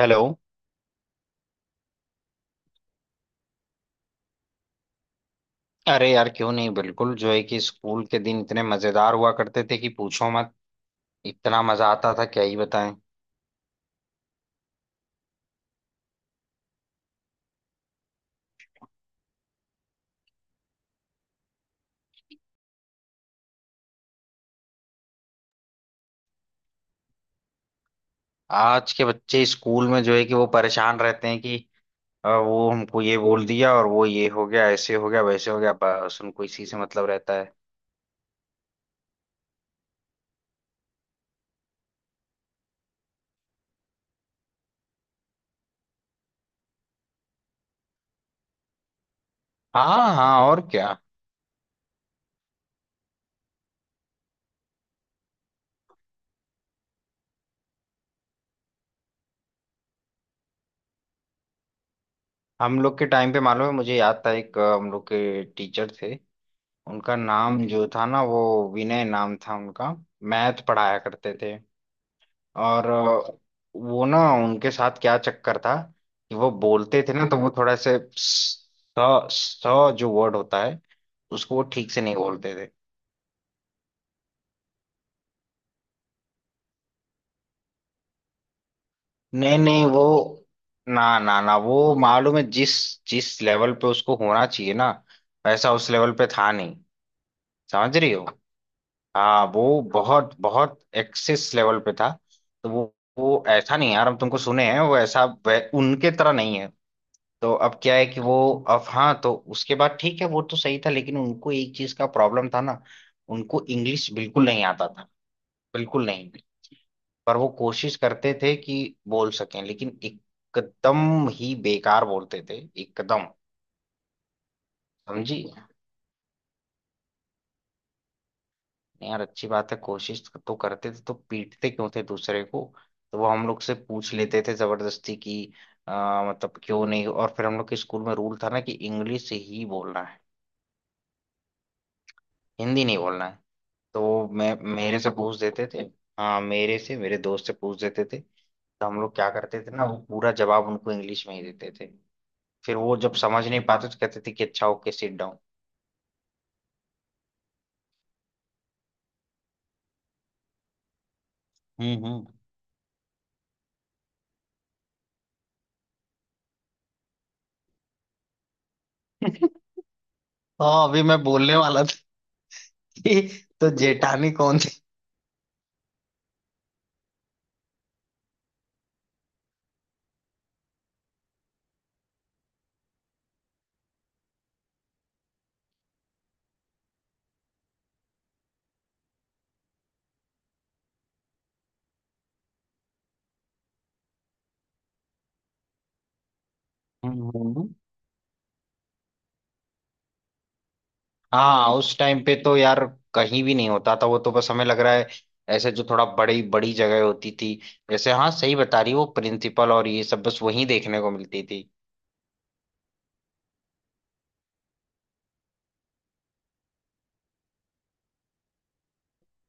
Hello. अरे यार, क्यों नहीं, बिल्कुल। जो है कि स्कूल के दिन इतने मजेदार हुआ करते थे कि पूछो मत। इतना मजा आता था, क्या ही बताएं। आज के बच्चे स्कूल में जो है कि वो परेशान रहते हैं कि वो हमको ये बोल दिया और वो ये हो गया, ऐसे हो गया, वैसे हो गया। बस उनको इसी से मतलब रहता है। हाँ हाँ, और क्या। हम लोग के टाइम पे, मालूम है, मुझे याद था, एक हम लोग के टीचर थे। उनका नाम जो था ना, वो विनय नाम था उनका। मैथ पढ़ाया करते थे। और वो ना, उनके साथ क्या चक्कर था कि वो बोलते थे ना, तो वो थोड़ा से स, स स जो वर्ड होता है, उसको वो ठीक से नहीं बोलते थे। नहीं नहीं, वो ना ना ना वो, मालूम है, जिस जिस लेवल पे उसको होना चाहिए ना, वैसा उस लेवल पे था नहीं। समझ रही हो? हाँ, वो बहुत बहुत एक्सेस लेवल पे था। तो वो ऐसा नहीं है यार, हम तुमको सुने हैं, वो ऐसा वै- उनके तरह नहीं है। तो अब क्या है कि वो, अब हाँ, तो उसके बाद ठीक है, वो तो सही था। लेकिन उनको एक चीज का प्रॉब्लम था ना, उनको इंग्लिश बिल्कुल नहीं आता था। बिल्कुल नहीं। पर वो कोशिश करते थे कि बोल सकें, लेकिन एकदम ही बेकार बोलते थे। एकदम। समझी? यार अच्छी बात है, कोशिश तो करते थे, तो पीटते क्यों थे दूसरे को। तो वो हम लोग से पूछ लेते थे जबरदस्ती कि मतलब, क्यों नहीं। और फिर हम लोग के स्कूल में रूल था ना, कि इंग्लिश ही बोलना है, हिंदी नहीं बोलना है। तो मैं, मेरे से पूछ देते थे, हाँ मेरे से, मेरे दोस्त से पूछ देते थे, तो हम लोग क्या करते थे ना, वो पूरा जवाब उनको इंग्लिश में ही देते थे। फिर वो जब समझ नहीं पाते तो कहते थे कि अच्छा, ओके सिट डाउन। हम्म। हम्म। हाँ, अभी मैं बोलने वाला था कि तो जेठानी कौन थी। हम्म, हम्म। हाँ, उस टाइम पे तो यार कहीं भी नहीं होता था। वो तो बस हमें लग रहा है ऐसे जो थोड़ा बड़ी बड़ी जगह होती थी, जैसे हाँ सही बता रही, वो प्रिंसिपल और ये सब, बस वहीं देखने को मिलती थी।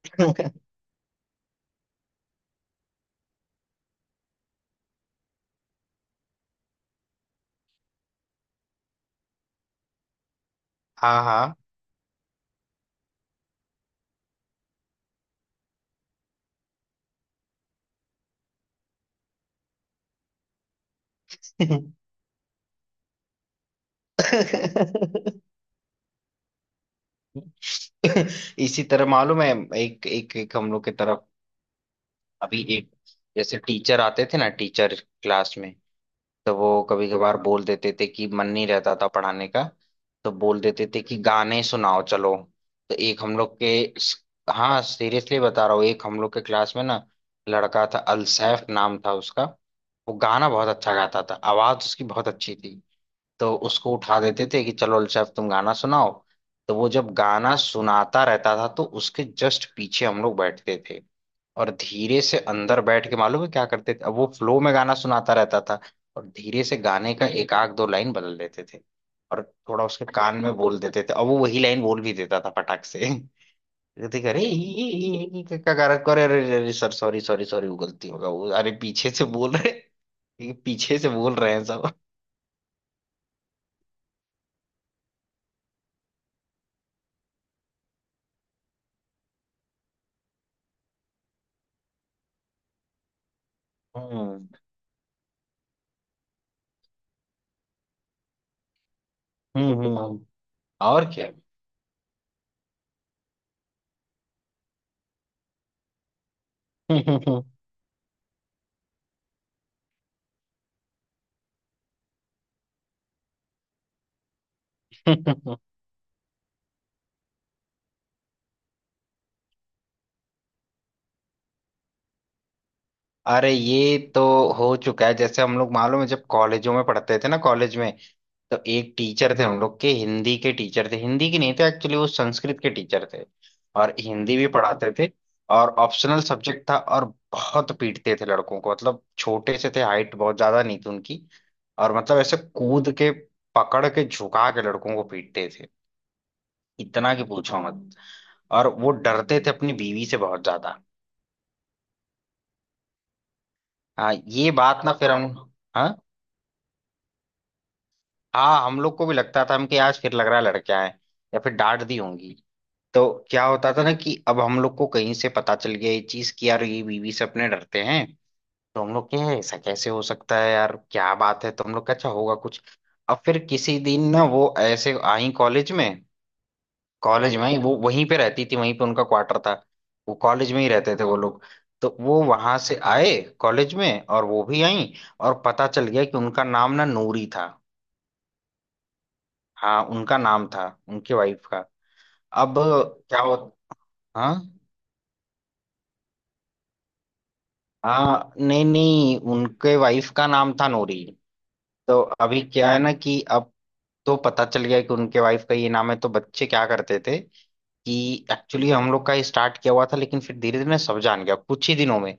हाँ हाँ। इसी तरह मालूम है, एक एक एक हम लोग के तरफ अभी एक, जैसे टीचर आते थे ना, टीचर क्लास में, तो वो कभी कभार बोल देते थे कि मन नहीं रहता था पढ़ाने का, तो बोल देते थे कि गाने सुनाओ चलो। तो एक हम लोग के हाँ, सीरियसली बता रहा हूँ, एक हम लोग के क्लास में ना लड़का था, अलसैफ नाम था उसका। वो गाना बहुत अच्छा गाता था, आवाज उसकी बहुत अच्छी थी। तो उसको उठा देते थे कि चलो अल्शेफ तुम गाना सुनाओ। तो वो जब गाना सुनाता रहता था, तो उसके जस्ट पीछे हम लोग बैठते थे, और धीरे से अंदर बैठ के, मालूम है क्या करते थे, अब वो फ्लो में गाना सुनाता रहता था, और धीरे से गाने का एक आध दो लाइन बदल देते थे और थोड़ा उसके कान में बोल देते थे, और वो वही लाइन बोल भी देता था फटाक से। कहते कि अरे ये-, ये-, ये क्या कर करे, अरे अरे अरे, सर सॉरी सॉरी सॉरी, वो गलती होगा, वो अरे पीछे से बोल रहे, ये पीछे से बोल रहे हैं सब। हम्म हम्म, और क्या। अरे ये तो हो चुका है। जैसे हम लोग, मालूम है, जब कॉलेजों में पढ़ते थे ना, कॉलेज में, तो एक टीचर थे हम लोग के, हिंदी के टीचर थे, हिंदी की नहीं थे, एक्चुअली वो संस्कृत के टीचर थे और हिंदी भी पढ़ाते थे। और ऑप्शनल सब्जेक्ट था। और बहुत पीटते थे लड़कों को, मतलब छोटे से थे, हाइट बहुत ज्यादा नहीं थी उनकी, और मतलब ऐसे कूद के पकड़ के झुका के लड़कों को पीटते थे, इतना कि पूछो मत। और वो डरते थे अपनी बीवी से बहुत ज्यादा। हाँ, ये बात ना, फिर हम हाँ हाँ, हम लोग को भी लगता था, हम कि आज फिर लग रहा है लड़कियां हैं या फिर डांट दी होंगी। तो क्या होता था ना कि अब हम लोग को कहीं से पता चल गया ये चीज कि यार ये बीवी से अपने डरते हैं। तो हम लोग के ऐसा कैसे हो सकता है यार, क्या बात है, तो हम लोग का अच्छा होगा कुछ। अब फिर किसी दिन ना वो ऐसे आई कॉलेज में। कॉलेज में ही वो वहीं पे रहती थी, वहीं पे उनका क्वार्टर था, वो कॉलेज में ही रहते थे वो लोग। तो वो वहां से आए कॉलेज में और वो भी आई, और पता चल गया कि उनका नाम ना नूरी था। हाँ उनका नाम था, उनके वाइफ का। अब क्या हो, हाँ हाँ, नहीं नहीं, उनके वाइफ का नाम था नूरी। तो अभी क्या है ना कि अब, तो पता चल गया कि उनके वाइफ का ये नाम है, तो बच्चे क्या करते थे कि, एक्चुअली हम लोग का स्टार्ट किया हुआ था, लेकिन फिर धीरे धीरे सब जान गया कुछ ही दिनों में।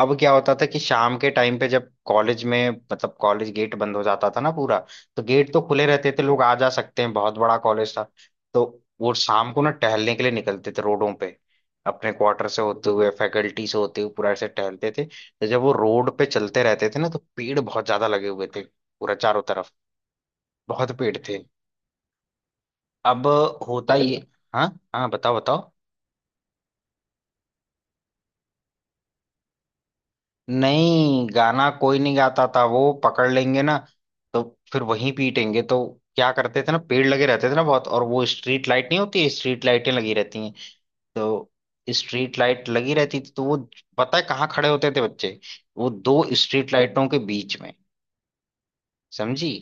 अब क्या होता था कि शाम के टाइम पे जब कॉलेज में, मतलब कॉलेज गेट बंद हो जाता था ना पूरा, तो गेट तो खुले रहते थे, लोग आ जा सकते हैं, बहुत बड़ा कॉलेज था। तो वो शाम को ना टहलने के लिए निकलते थे रोडों पे, अपने क्वार्टर से होते हुए फैकल्टी से होते हुए पूरा ऐसे टहलते थे। तो जब वो रोड पे चलते रहते थे ना, तो पेड़ बहुत ज्यादा लगे हुए थे पूरा चारों तरफ। बहुत पेड़ थे। अब होता ये, हाँ हाँ बताओ बताओ। नहीं, गाना कोई नहीं गाता था, वो पकड़ लेंगे ना, तो फिर वहीं पीटेंगे। तो क्या करते थे ना, पेड़ लगे रहते थे ना बहुत, और वो स्ट्रीट लाइट नहीं होती, स्ट्रीट लाइटें लगी रहती हैं, तो स्ट्रीट लाइट लगी रहती थी। तो वो पता है कहाँ खड़े होते थे बच्चे? वो दो स्ट्रीट लाइटों के बीच में। समझी?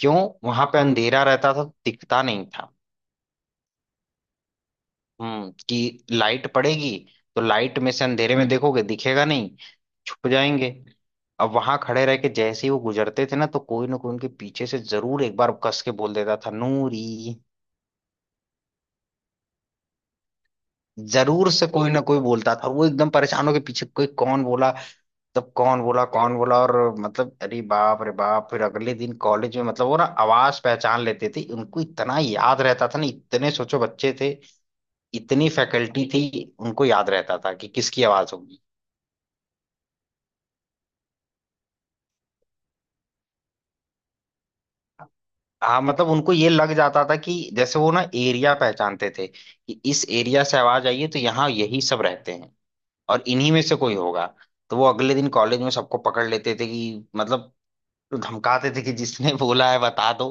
क्यों, वहां पे अंधेरा रहता था, दिखता नहीं था। हम्म, कि लाइट पड़ेगी, तो लाइट में से अंधेरे में, हम्म, देखोगे दिखेगा नहीं, छुप जाएंगे। अब वहां खड़े रह के जैसे ही वो गुजरते थे ना, तो कोई ना कोई उनके पीछे से जरूर एक बार कस के बोल देता था, नूरी। जरूर से कोई ना कोई बोलता था। वो एकदम परेशान होके पीछे, कोई, कौन बोला, तब कौन बोला, कौन बोला, और मतलब अरे बाप रे बाप। फिर अगले दिन कॉलेज में, मतलब वो ना आवाज पहचान लेते थे, उनको इतना याद रहता था ना, इतने सोचो बच्चे थे, इतनी फैकल्टी थी, उनको याद रहता था कि किसकी आवाज होगी। हाँ, मतलब उनको ये लग जाता था कि जैसे वो ना एरिया पहचानते थे कि इस एरिया से आवाज आई है तो यहाँ यही सब रहते हैं और इन्हीं में से कोई होगा। तो वो अगले दिन कॉलेज में सबको पकड़ लेते थे कि, मतलब धमकाते थे कि जिसने बोला है बता दो,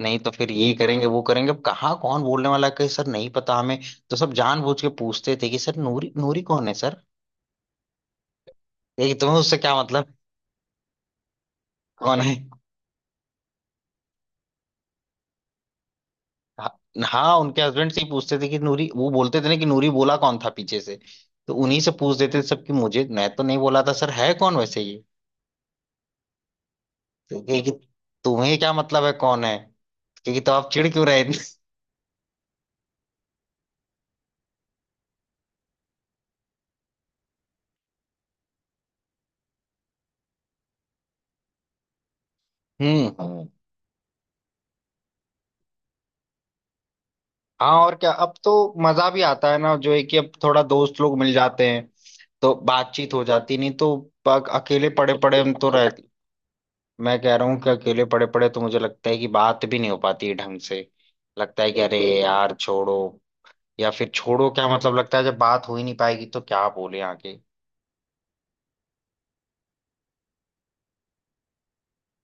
नहीं तो फिर ये करेंगे वो करेंगे। अब कहाँ कौन बोलने वाला है, कहीं सर, नहीं पता हमें। तो सब जानबूझ के पूछते थे कि सर, नूरी नूरी कौन है सर। ये तुम्हें उससे क्या मतलब कौन है। हाँ हाँ, उनके हस्बैंड से ही पूछते थे कि नूरी, वो बोलते थे ना कि नूरी बोला कौन था पीछे से, तो उन्हीं से पूछ देते थे सब कि मुझे, मैं तो नहीं बोला था सर, है कौन वैसे ये। तो कहे कि तुम्हें क्या मतलब है कौन है। क्योंकि, तो आप चिढ़ क्यों रहे इतने? हम्म हम्म। हाँ और क्या, अब तो मजा भी आता है ना, जो है कि अब थोड़ा दोस्त लोग मिल जाते हैं तो बातचीत हो जाती, नहीं तो प- अकेले पड़े पड़े हम तो रह, मैं कह रहा हूँ कि अकेले पड़े पड़े तो मुझे लगता है कि बात भी नहीं हो पाती ढंग से। लगता है कि अरे यार छोड़ो, या फिर छोड़ो क्या मतलब, लगता है जब बात हो ही नहीं पाएगी तो क्या बोले आगे।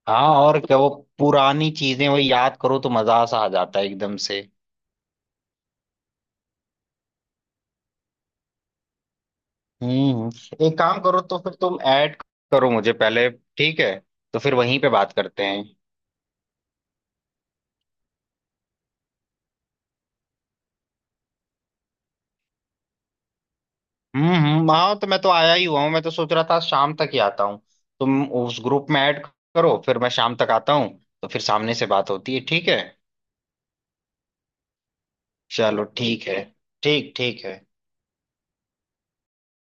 हाँ और क्या, वो पुरानी चीजें वो याद करो तो मजा सा आ जाता है एकदम से। हम्म। एक काम करो तो, फिर तुम ऐड करो मुझे पहले, ठीक है, तो फिर वहीं पे बात करते हैं। हम्म, हाँ तो मैं तो आया ही हुआ हूँ, मैं तो सोच रहा था शाम तक ही आता हूँ। तुम उस ग्रुप में ऐड करो, फिर मैं शाम तक आता हूँ, तो फिर सामने से बात होती है, ठीक है। चलो ठीक है। ठीक ठीक है।